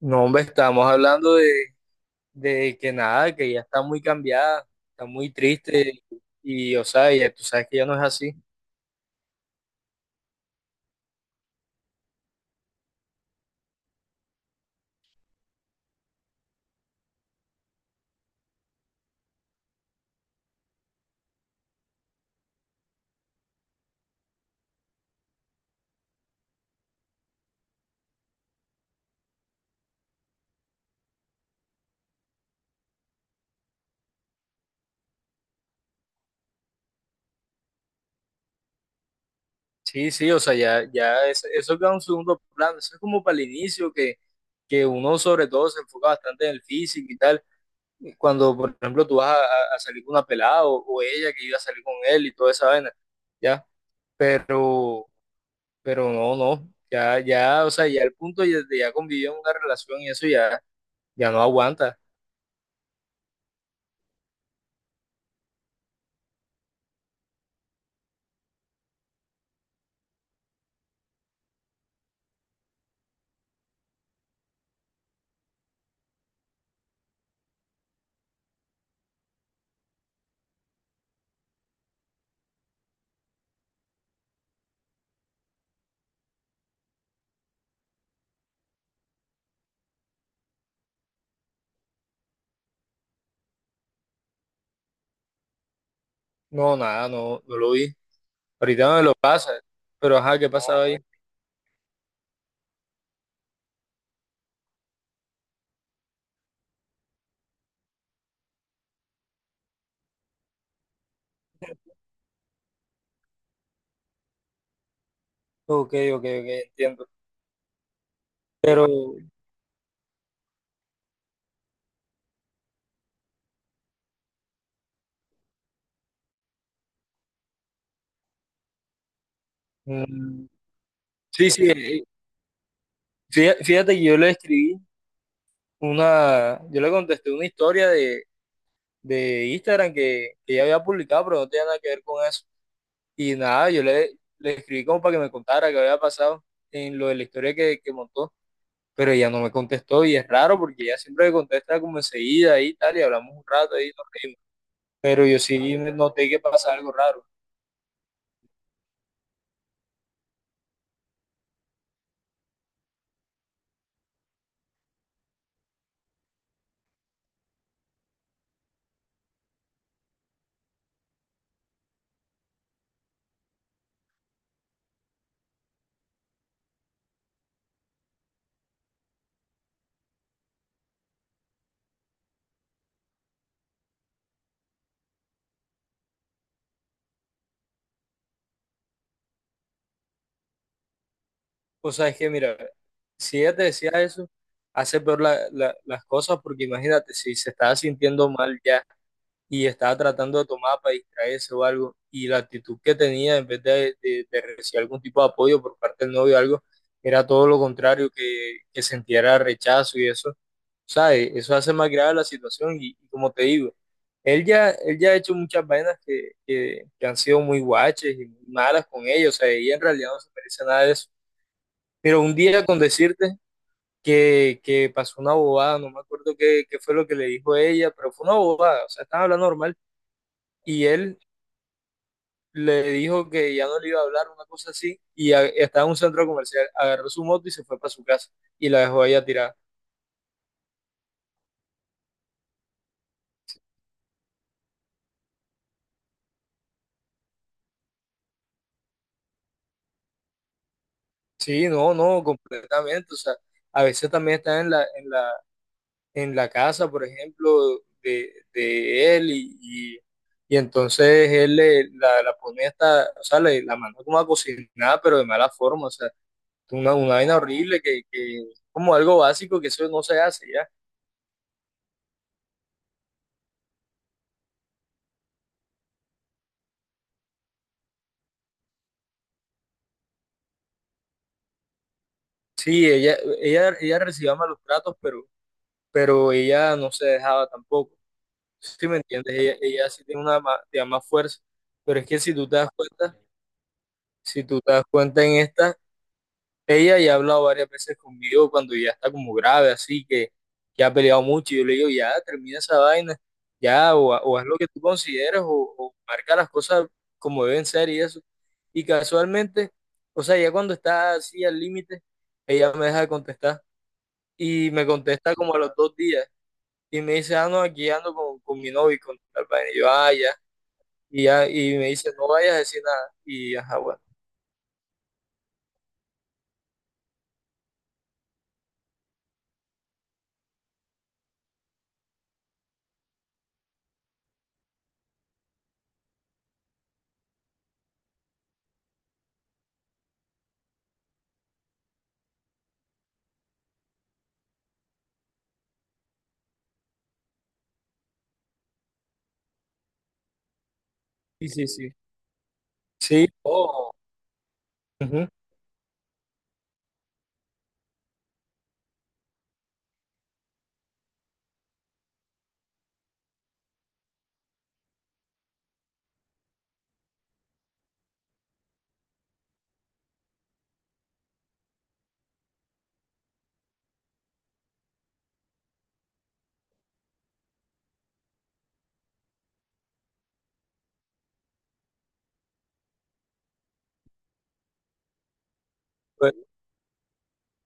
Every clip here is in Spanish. No, hombre, estamos hablando de que nada, que ya está muy cambiada, está muy triste y, o sea, ya tú sabes que ya no es así. Sí, sí, o sea, eso queda en un segundo plano, eso es como para el inicio que uno sobre todo se enfoca bastante en el físico y tal, cuando por ejemplo tú vas a salir con una pelada o ella que iba a salir con él y toda esa vaina, ya, pero, pero no, no, ya, ya, o sea, de ya convivir en una relación y eso ya, ya no aguanta. No, nada, no, no lo vi. Ahorita me lo pasa, pero ajá, ¿qué pasaba ahí? Ok, ok, ok, entiendo. Pero, mm, sí, sí, fíjate que yo le escribí una, yo le contesté una historia de Instagram que ella había publicado, pero no tenía nada que ver con eso. Y nada, yo le, le escribí como para que me contara qué había pasado en lo de la historia que montó, pero ella no me contestó y es raro porque ella siempre me contesta como enseguida y tal, y hablamos un rato y nos reímos. Pero yo sí noté que pasa algo raro. O sea, es que mira, si ella te decía eso, hace peor las cosas porque imagínate, si se estaba sintiendo mal ya y estaba tratando de tomar para distraerse o algo, y la actitud que tenía en vez de recibir algún tipo de apoyo por parte del novio o algo, era todo lo contrario, que sintiera rechazo y eso, ¿sabes? Eso hace más grave la situación y como te digo, él ya ha hecho muchas vainas que han sido muy guaches y muy malas con ella, o sea, ella en realidad no se merece nada de eso. Pero un día con decirte que pasó una bobada, no me acuerdo qué, qué fue lo que le dijo ella, pero fue una bobada, o sea, estaban hablando normal y él le dijo que ya no le iba a hablar, una cosa así, estaba en un centro comercial, agarró su moto y se fue para su casa y la dejó a ella tirada. Sí, no, no, completamente, o sea, a veces también está en en la casa, por ejemplo, de él y, y entonces él la pone hasta, o sea, la manda como a cocinar, pero de mala forma, o sea una vaina horrible que como algo básico que eso no se hace ya. Sí, ella recibía malos tratos, pero ella no se dejaba tampoco. ¿Sí me entiendes? Ella sí tiene una tiene más fuerza. Pero es que si tú te das cuenta, si tú te das cuenta en esta, ella ya ha hablado varias veces conmigo cuando ya está como grave, así que ya ha peleado mucho. Y yo le digo, ya termina esa vaina, ya, o, o haz lo que tú consideres, o marca las cosas como deben ser y eso. Y casualmente, o sea, ya cuando está así al límite, ella me deja de contestar. Y me contesta como a los dos días. Y me dice, ah, no, aquí ando con mi novio y con tal vaina. Y yo, ah, ya. Y, ya, y me dice, no vayas a decir nada. Y ajá, bueno. Sí, sí, sí. Sí, oh. Ujú.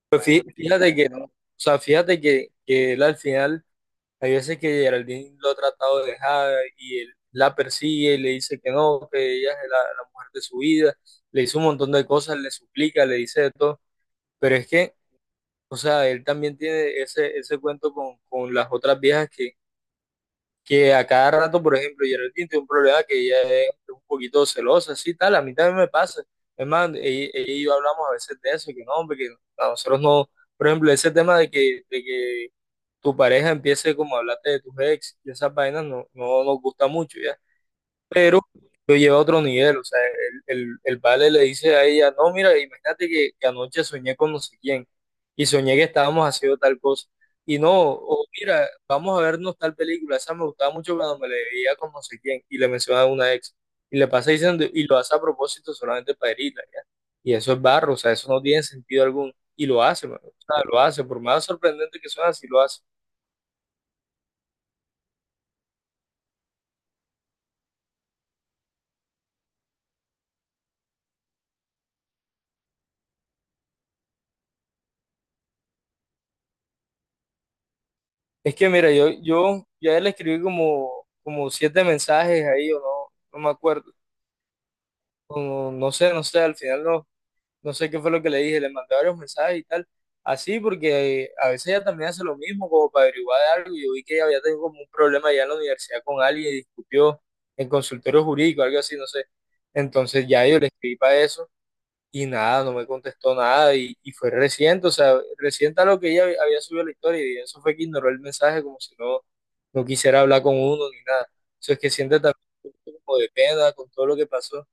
Pues fíjate que no, o sea, fíjate que él al final, hay veces que Geraldine lo ha tratado de dejar y él la persigue y le dice que no, que ella es la mujer de su vida, le dice un montón de cosas, le suplica, le dice de todo, pero es que, o sea, él también tiene ese cuento con las otras viejas que a cada rato, por ejemplo, Geraldine tiene un problema que ella es un poquito celosa, así tal, a mí también me pasa. Es más, ella y yo hablamos a veces de eso, que no, hombre, que a nosotros no, por ejemplo, ese tema de que tu pareja empiece como a hablarte de tus ex, y esas vainas no, no nos gusta mucho, ¿ya? Pero lo lleva a otro nivel, o sea, el vale le dice a ella, no, mira, imagínate que anoche soñé con no sé quién y soñé que estábamos haciendo tal cosa. Y no, o mira, vamos a vernos tal película, esa me gustaba mucho cuando me la veía con no sé quién y le menciona a una ex y le pasa diciendo, y lo hace a propósito solamente para herirla, ¿ya? Y eso es barro, o sea, eso no tiene sentido alguno. Y lo hace, mano, o sea, lo hace, por más sorprendente que suene, así lo hace. Es que mira, yo ya le escribí como, como siete mensajes ahí, o no, no me acuerdo, o no, no sé, no sé, al final no, no sé qué fue lo que le dije, le mandé varios mensajes y tal, así porque a veces ella también hace lo mismo, como para averiguar de algo, yo vi que ella había tenido como un problema ya en la universidad con alguien y discutió en consultorio jurídico, algo así, no sé, entonces ya yo le escribí para eso, y nada, no me contestó nada y, y fue reciente, o sea, reciente a lo que ella había subido la historia y eso fue que ignoró el mensaje como si no, no quisiera hablar con uno ni nada. Eso es que siente también un poco como de pena con todo lo que pasó.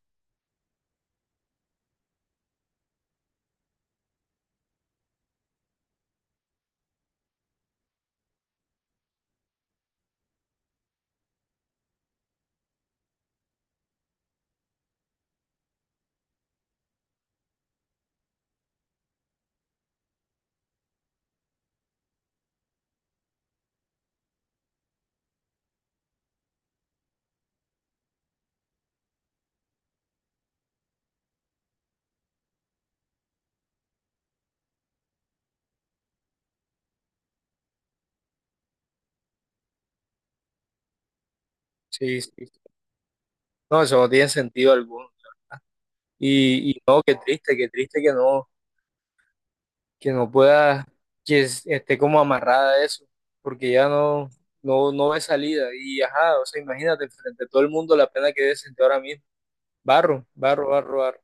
Sí, sí, sí. No, eso no tiene sentido alguno. Y no, qué triste que no pueda, esté como amarrada a eso, porque ya no, no, no ve salida. Y ajá, o sea, imagínate, frente a todo el mundo la pena que debe sentir ahora mismo. Barro, barro, barro, barro.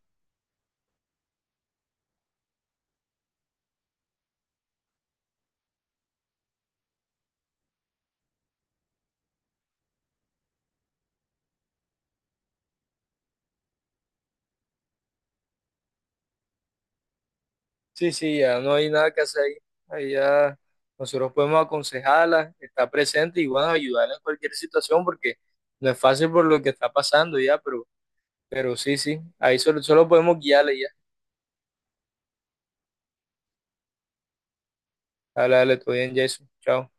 Sí, sí, ya no hay nada que hacer ahí. Ahí ya nosotros podemos aconsejarla, estar presente y bueno, ayudarla en cualquier situación porque no es fácil por lo que está pasando ya, pero sí, sí, ahí solo, solo podemos guiarle ya. Dale, dale, todo bien, Jason. Chao.